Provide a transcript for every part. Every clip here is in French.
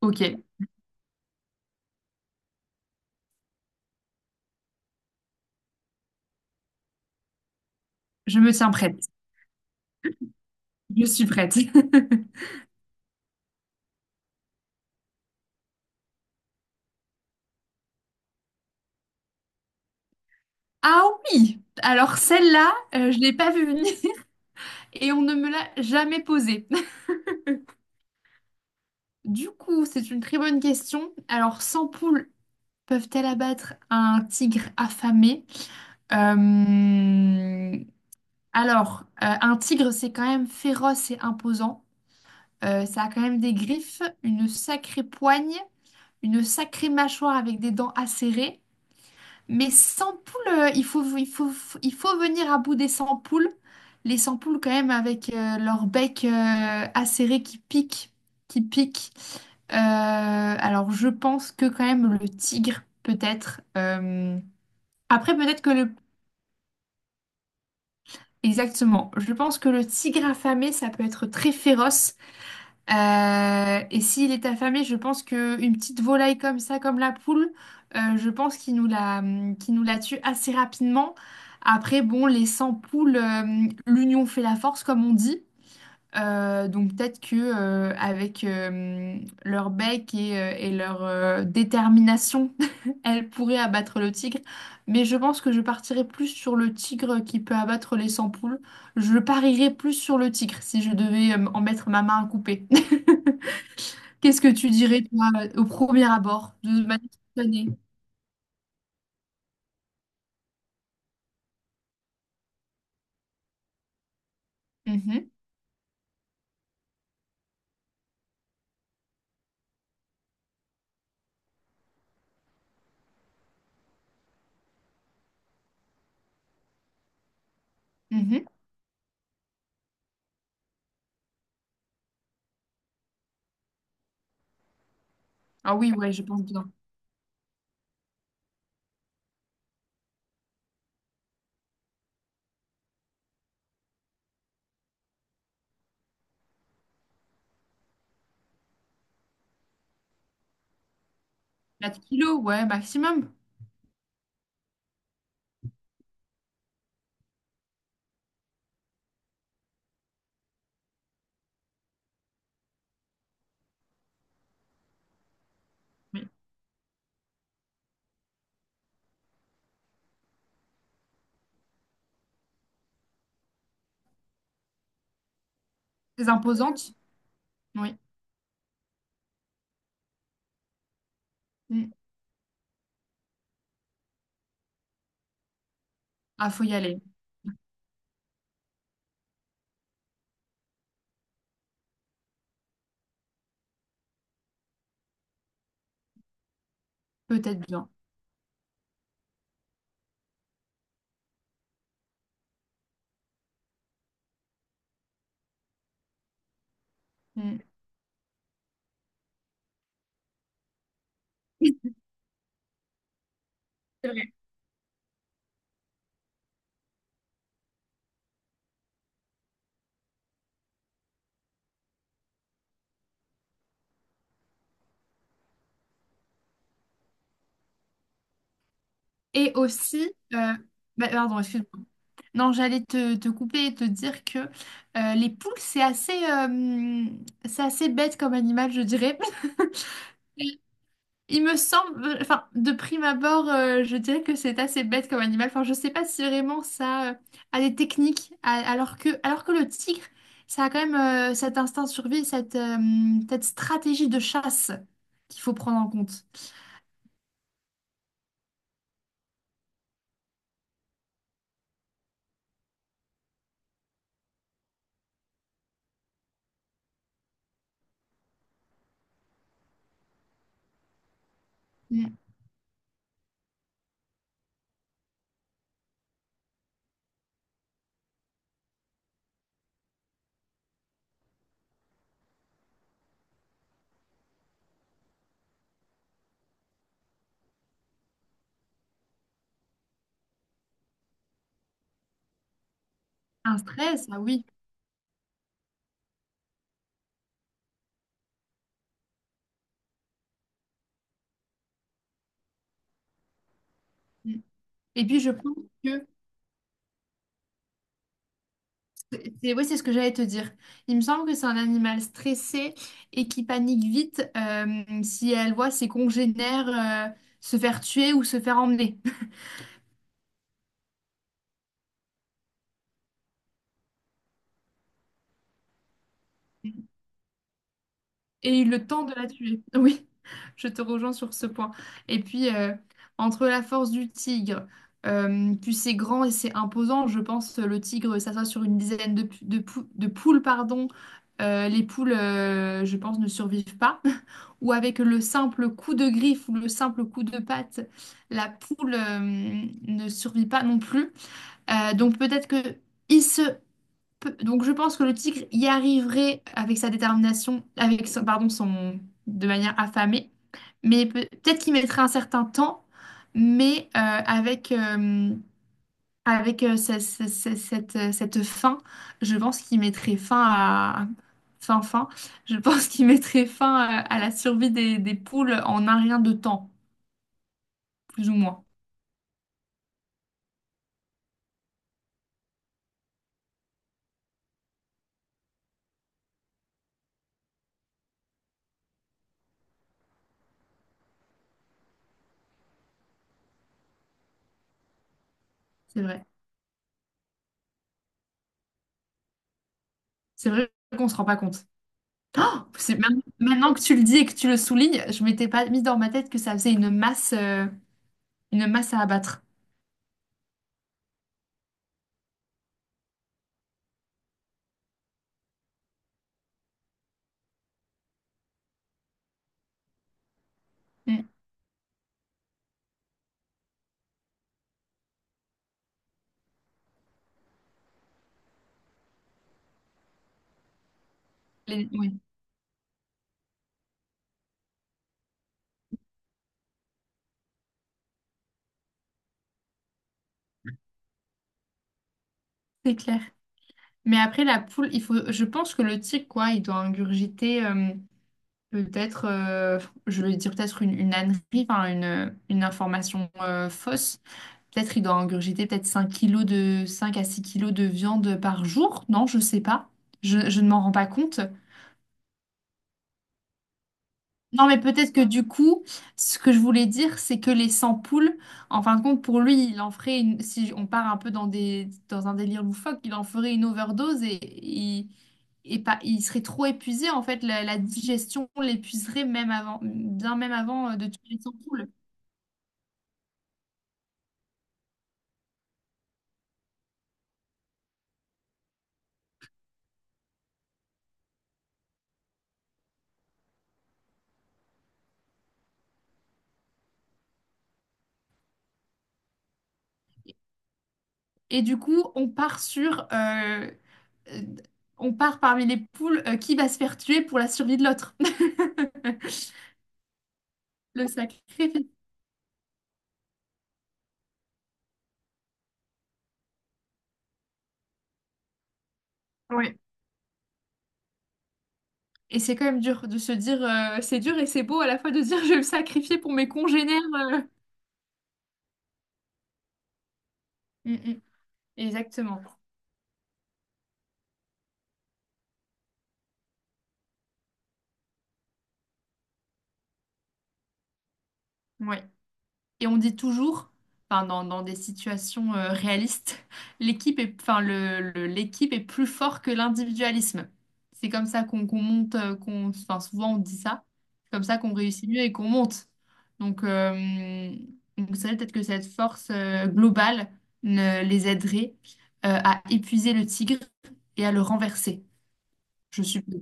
Ok, je me tiens prête. Je suis prête. Ah oui! Alors celle-là, je l'ai pas vue venir et on ne me l'a jamais posée. Du coup, c'est une très bonne question. Alors, 100 poules peuvent-elles abattre un tigre affamé? Euh, Alors, un tigre, c'est quand même féroce et imposant. Ça a quand même des griffes, une sacrée poigne, une sacrée mâchoire avec des dents acérées. Mais sans poules, il faut venir à bout des sans poules. Les sans poules, quand même, avec leur bec acéré qui pique, qui pique. Alors, je pense que quand même le tigre, peut-être. Après, peut-être que le... Exactement. Je pense que le tigre affamé, ça peut être très féroce. Et s'il est affamé, je pense qu'une petite volaille comme ça, comme la poule, je pense qu'il nous la tue assez rapidement. Après, bon, les 100 poules, l'union fait la force, comme on dit. Donc peut-être que avec leur bec et leur détermination, elles pourraient abattre le tigre. Mais je pense que je partirais plus sur le tigre qui peut abattre les 100 poules. Je parierais plus sur le tigre si je devais en mettre ma main à couper. Qu'est-ce que tu dirais toi au premier abord de manière spontanée? Mhm, mhm. Ah oui, ouais, je pense bien. 4 kilos, ouais, maximum. Oui. Très imposante. Oui. Mm. Ah, faut y aller. Peut-être bien. Mm. C'est vrai. Et aussi, bah, pardon, excuse-moi. Non, j'allais te couper et te dire que les poules, c'est assez bête comme animal, je dirais. Il me semble, enfin, de prime abord, je dirais que c'est assez bête comme animal. Enfin, je sais pas si vraiment ça a des techniques, alors que le tigre, ça a quand même cet instinct de survie, cette stratégie de chasse qu'il faut prendre en compte. Mm. Un stress, ah oui. Mm. Et puis je pense que c'est, oui, c'est ce que j'allais te dire. Il me semble que c'est un animal stressé et qui panique vite si elle voit ses congénères euh, se faire tuer ou se faire emmener. Et eu le temps de la tuer. Oui, je te rejoins sur ce point. Et puis, entre la force du tigre, puis c'est grand et c'est imposant, je pense le tigre s'assoit sur une dizaine de poules, pardon. Les poules, je pense, ne survivent pas. Ou avec le simple coup de griffe ou le simple coup de patte, la poule, ne survit pas non plus. Donc peut-être que... il se Donc je pense que le tigre y arriverait avec sa détermination, avec pardon, son, de manière affamée, mais peut-être qu'il mettrait un certain temps, mais avec, cette fin, je pense qu'il mettrait fin à... Fin, fin, je pense qu'il mettrait fin à la survie des poules en un rien de temps, plus ou moins. C'est vrai. C'est vrai qu'on se rend pas compte. Oh, maintenant que tu le dis et que tu le soulignes, je m'étais pas mis dans ma tête que ça faisait une masse à abattre. Mm. Oui, c'est clair. Mais après la poule, il faut, je pense que le tigre, quoi, il doit ingurgiter peut-être, je vais dire peut-être une ânerie, enfin une information fausse. Peut-être il doit ingurgiter peut-être 5 kilos de 5 à 6 kilos de viande par jour. Non, je sais pas. Je ne m'en rends pas compte. Non, mais peut-être que du coup, ce que je voulais dire, c'est que les 100 poules, en fin de compte, pour lui, il en ferait une, si on part un peu dans un délire loufoque, il en ferait une overdose et il, et pas, il serait trop épuisé, en fait, la digestion l'épuiserait même avant, bien même avant de tuer les 100 poules. Et du coup, euh, on part parmi les poules, qui va se faire tuer pour la survie de l'autre? Le sacré. Oui. Et c'est quand même dur de se dire, c'est dur et c'est beau à la fois de se dire je vais me sacrifier pour mes congénères. euh. Mm, mm. Exactement. Ouais. Et on dit toujours, enfin dans des situations réalistes, l'équipe est, enfin l'équipe est plus fort que l'individualisme. C'est comme ça qu'on monte, qu'on, enfin souvent on dit ça. C'est comme ça qu'on réussit mieux et qu'on monte. Donc, euh, donc c'est vrai peut-être que cette force globale ne les aiderait à épuiser le tigre et à le renverser. Je suppose.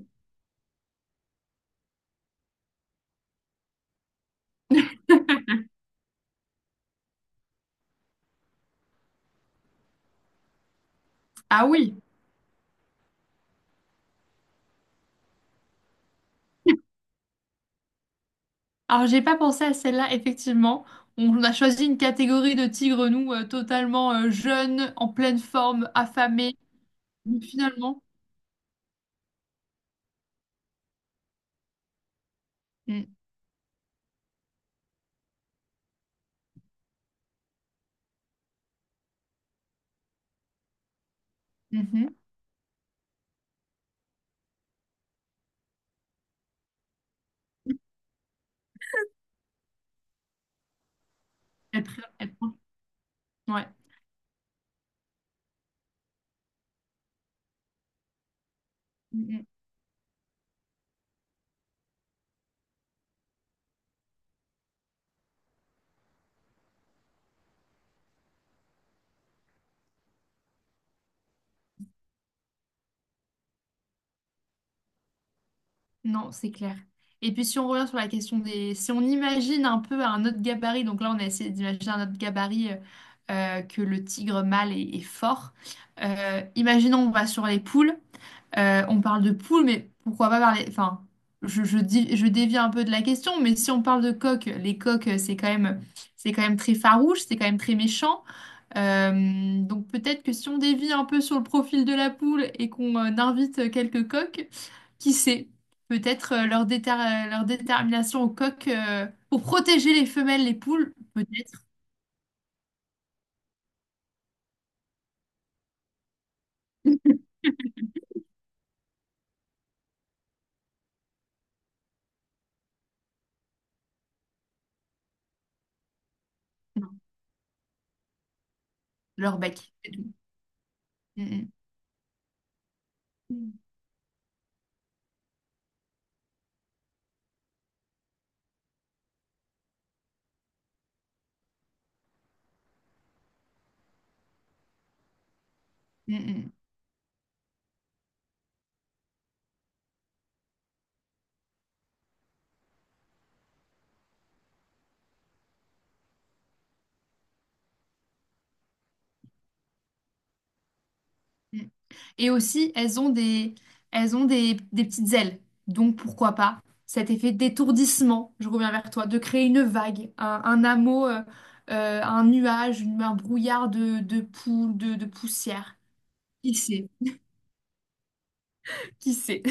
Ah oui. Alors j'ai pas pensé à celle-là, effectivement. On a choisi une catégorie de tigres, nous, totalement jeunes, en pleine forme, affamés. Mais finalement, mm, mhm, elle pr- elle prend- ouais. Mm, mm. Non, c'est clair. Et puis si on revient sur la question des... Si on imagine un peu un autre gabarit, donc là on a essayé d'imaginer un autre gabarit que le tigre mâle est fort. Imaginons on va sur les poules. On parle de poule, mais pourquoi pas parler... Enfin, je, dis, je dévie un peu de la question, mais si on parle de coq, les coqs, c'est quand même très farouche, c'est quand même très méchant. Donc peut-être que si on dévie un peu sur le profil de la poule et qu'on invite quelques coqs, qui sait, peut-être leur détermination au coq pour protéger les femelles, les poules, peut-être non, leur bec. C'est tout. Mm, mm. Mm, mm. Mm. Et aussi, elles ont des petites ailes. Donc, pourquoi pas cet effet d'étourdissement, je reviens vers toi, de créer une vague, un hameau, un nuage, un brouillard de poussière. Qui sait? Qui sait?